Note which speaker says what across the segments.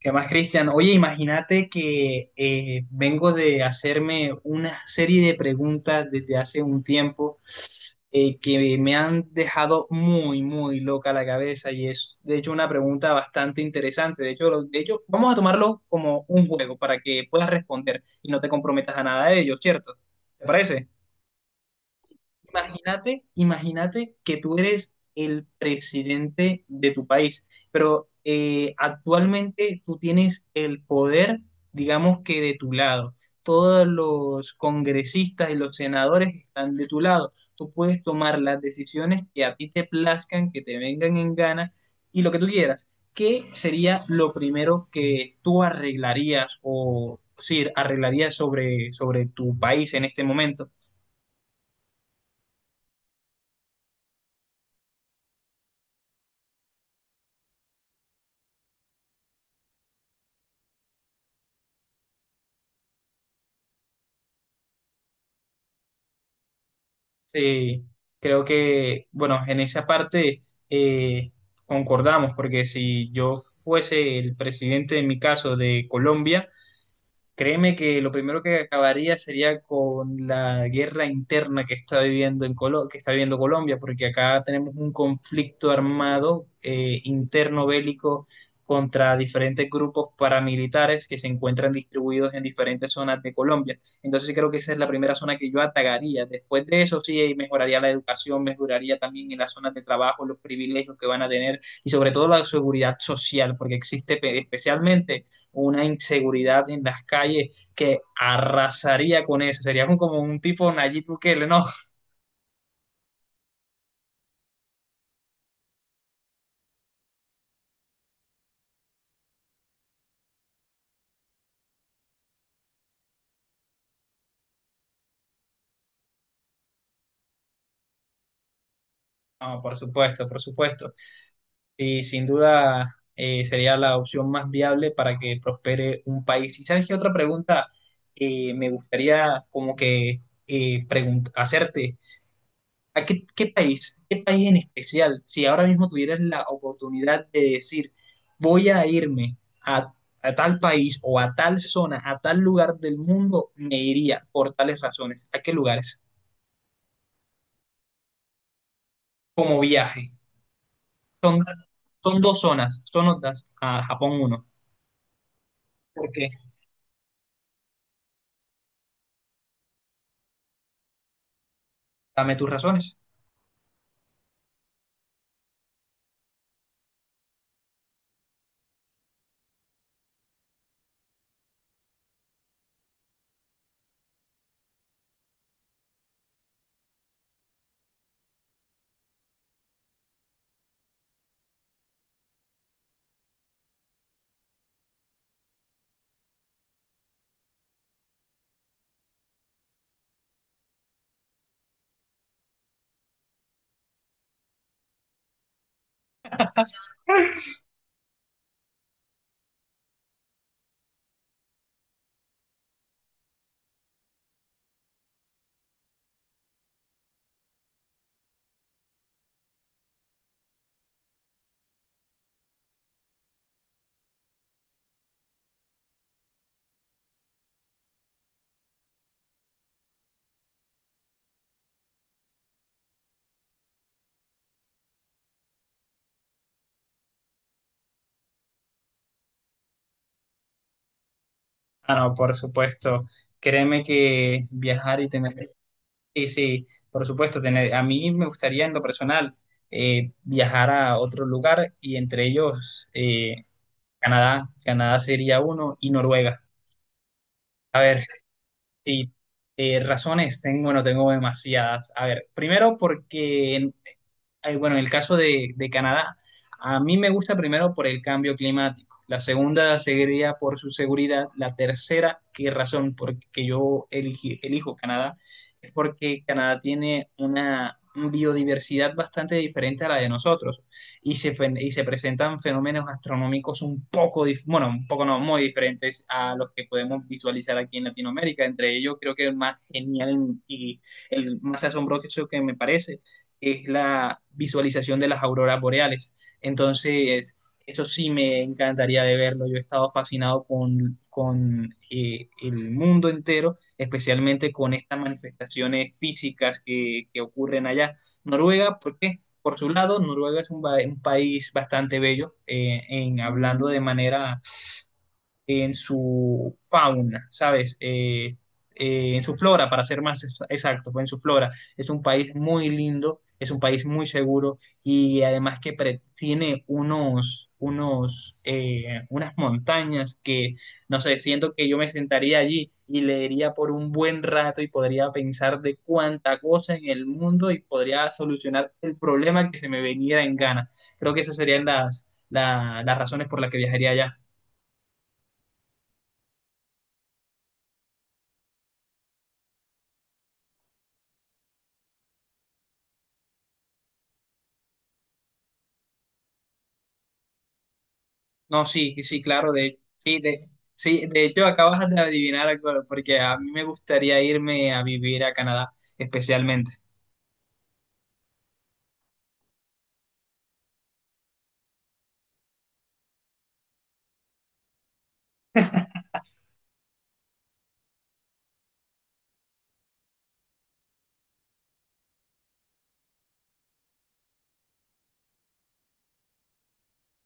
Speaker 1: ¿Qué más, Cristian? Oye, imagínate que vengo de hacerme una serie de preguntas desde hace un tiempo que me han dejado muy, muy loca la cabeza y es, de hecho, una pregunta bastante interesante. De hecho, vamos a tomarlo como un juego para que puedas responder y no te comprometas a nada de ello, ¿cierto? ¿Te parece? Imagínate que tú eres el presidente de tu país, pero actualmente tú tienes el poder, digamos que de tu lado. Todos los congresistas y los senadores están de tu lado. Tú puedes tomar las decisiones que a ti te plazcan, que te vengan en gana y lo que tú quieras. ¿Qué sería lo primero que tú arreglarías o sí, arreglarías sobre tu país en este momento? Sí, creo que, bueno, en esa parte eh, concordamos, porque si yo fuese el presidente, en mi caso, de Colombia, créeme que lo primero que acabaría sería con la guerra interna que está viviendo en que está viviendo Colombia, porque acá tenemos un conflicto armado interno bélico contra diferentes grupos paramilitares que se encuentran distribuidos en diferentes zonas de Colombia. Entonces sí creo que esa es la primera zona que yo atacaría. Después de eso sí mejoraría la educación, mejoraría también en las zonas de trabajo, los privilegios que van a tener y sobre todo la seguridad social, porque existe especialmente una inseguridad en las calles que arrasaría con eso. Sería como un tipo Nayib Bukele, ¿no? No, por supuesto, por supuesto. Y sin duda sería la opción más viable para que prospere un país. ¿Y sabes qué otra pregunta me gustaría como que hacerte? ¿A qué, qué país? ¿Qué país en especial? Si ahora mismo tuvieras la oportunidad de decir, voy a irme a tal país o a tal zona, a tal lugar del mundo, me iría por tales razones. ¿A qué lugares? Como viaje. Son, son dos zonas, son otras, a Japón uno. ¿Por qué? Dame tus razones. Ah, no, por supuesto. Créeme que viajar y tener sí, sí, por supuesto, tener, a mí me gustaría en lo personal viajar a otro lugar y entre ellos Canadá, Canadá sería uno y Noruega. A ver, sí, razones, tengo, bueno, tengo demasiadas. A ver, primero porque bueno, en el caso de Canadá, a mí me gusta primero por el cambio climático, la segunda sería por su seguridad, la tercera, qué razón porque yo elijo Canadá, es porque Canadá tiene una biodiversidad bastante diferente a la de nosotros y y se presentan fenómenos astronómicos un poco, bueno, un poco no, muy diferentes a los que podemos visualizar aquí en Latinoamérica. Entre ellos, creo que el más genial y el más asombroso que me parece es la visualización de las auroras boreales. Entonces, eso sí me encantaría de verlo. Yo he estado fascinado con el mundo entero, especialmente con estas manifestaciones físicas que ocurren allá. Noruega, ¿por qué? Por su lado, Noruega es un, un país bastante bello, en hablando de manera en su fauna, ¿sabes? En su flora, para ser más exactos, en su flora. Es un país muy lindo, es un país muy seguro y además que tiene unos, unas montañas que, no sé, siento que yo me sentaría allí y leería por un buen rato y podría pensar de cuánta cosa en el mundo y podría solucionar el problema que se me venía en gana. Creo que esas serían las razones por las que viajaría allá. No, sí, sí, claro, de, sí, de, sí, de hecho acabas de adivinar algo, porque a mí me gustaría irme a vivir a Canadá, especialmente.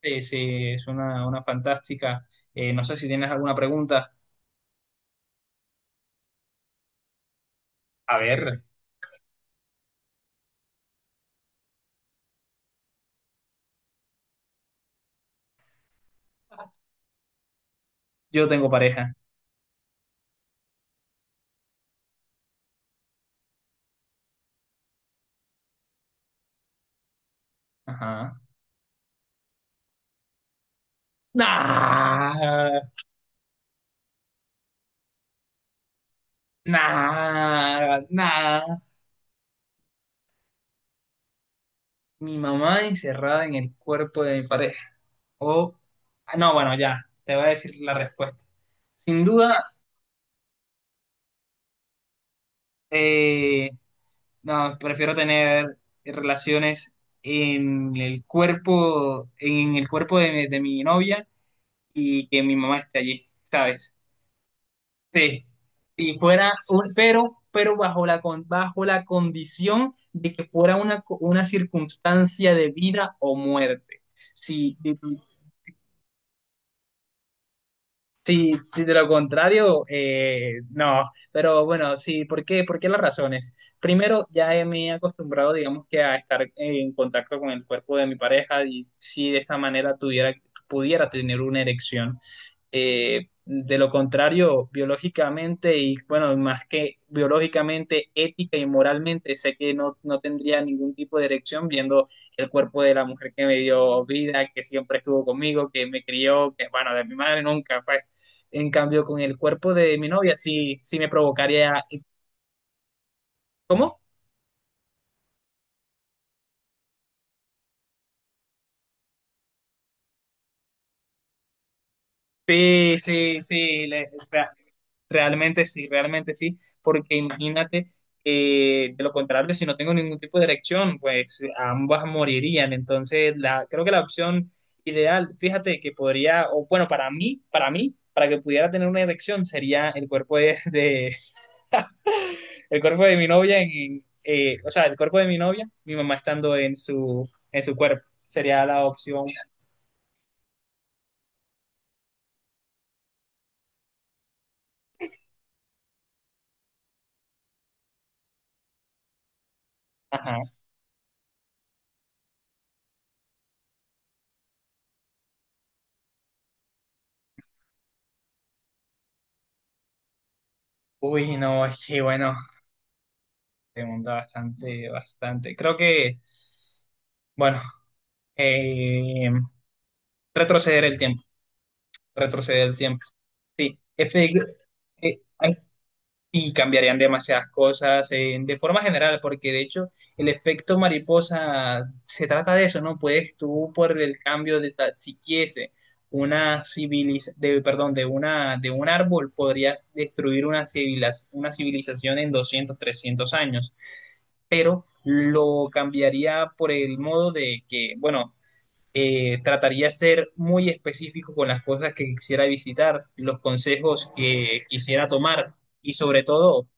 Speaker 1: Sí, sí, es una fantástica. No sé si tienes alguna pregunta. A ver, yo tengo pareja. Ajá. Nah, nah. Mi mamá encerrada en el cuerpo de mi pareja. O, ah, no, bueno, ya, te voy a decir la respuesta. Sin duda, eh, no, prefiero tener relaciones en el cuerpo de mi novia y que mi mamá esté allí, ¿sabes? Sí. Si fuera un, pero bajo la, bajo la condición de que fuera una, una circunstancia de vida o muerte. Si sí, sí, de lo contrario, no. Pero bueno, sí, ¿por qué? ¿Por qué las razones? Primero, ya me he acostumbrado, digamos que a estar en contacto con el cuerpo de mi pareja y si de esta manera tuviera, pudiera tener una erección. De lo contrario, biológicamente y bueno, más que biológicamente, ética y moralmente, sé que no, no tendría ningún tipo de erección viendo el cuerpo de la mujer que me dio vida, que siempre estuvo conmigo, que me crió, que bueno, de mi madre nunca fue. En cambio, con el cuerpo de mi novia sí, sí me provocaría. ¿Cómo? Sí, sí, sí, le- re- realmente sí, porque imagínate, de lo contrario, si no tengo ningún tipo de erección, pues ambas morirían. Entonces, la, creo que la opción ideal, fíjate que podría, o bueno, para mí, para mí, para que pudiera tener una erección sería el cuerpo de, el cuerpo de mi novia, en, o sea, el cuerpo de mi novia, mi mamá estando en su cuerpo, sería la opción. Ajá. Uy, no, es que bueno, pregunta bastante, bastante. Creo que, bueno, eh, retroceder el tiempo, retroceder el tiempo. Sí, efe- hay y cambiarían demasiadas cosas de forma general, porque de hecho el efecto mariposa se trata de eso, ¿no? Puedes tú por el cambio de si quise una civiliz de, perdón, de una de un árbol podrías destruir una civilas una civilización en 200 300 años, pero lo cambiaría por el modo de que, bueno, trataría de ser muy específico con las cosas que quisiera visitar, los consejos que quisiera tomar y sobre todo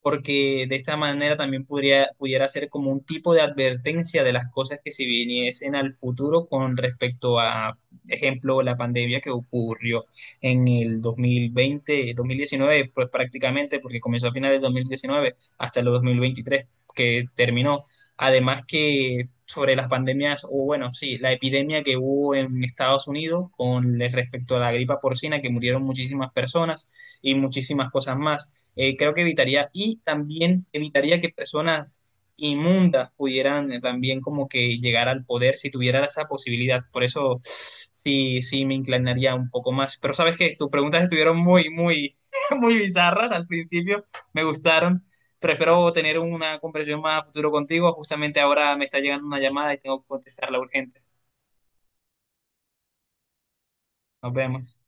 Speaker 1: porque de esta manera también podría, pudiera ser como un tipo de advertencia de las cosas que se viniesen al futuro con respecto a, ejemplo, la pandemia que ocurrió en el 2020, 2019, pues prácticamente, porque comenzó a finales de 2019 hasta el 2023, que terminó. Además que sobre las pandemias, o bueno, sí, la epidemia que hubo en Estados Unidos con respecto a la gripa porcina, que murieron muchísimas personas y muchísimas cosas más. Creo que evitaría y también evitaría que personas inmundas pudieran también como que llegar al poder si tuviera esa posibilidad. Por eso sí, sí me inclinaría un poco más. Pero sabes que tus preguntas estuvieron muy, muy, muy bizarras al principio. Me gustaron. Pero espero tener una conversación más a futuro contigo. Justamente ahora me está llegando una llamada y tengo que contestarla urgente. Nos vemos.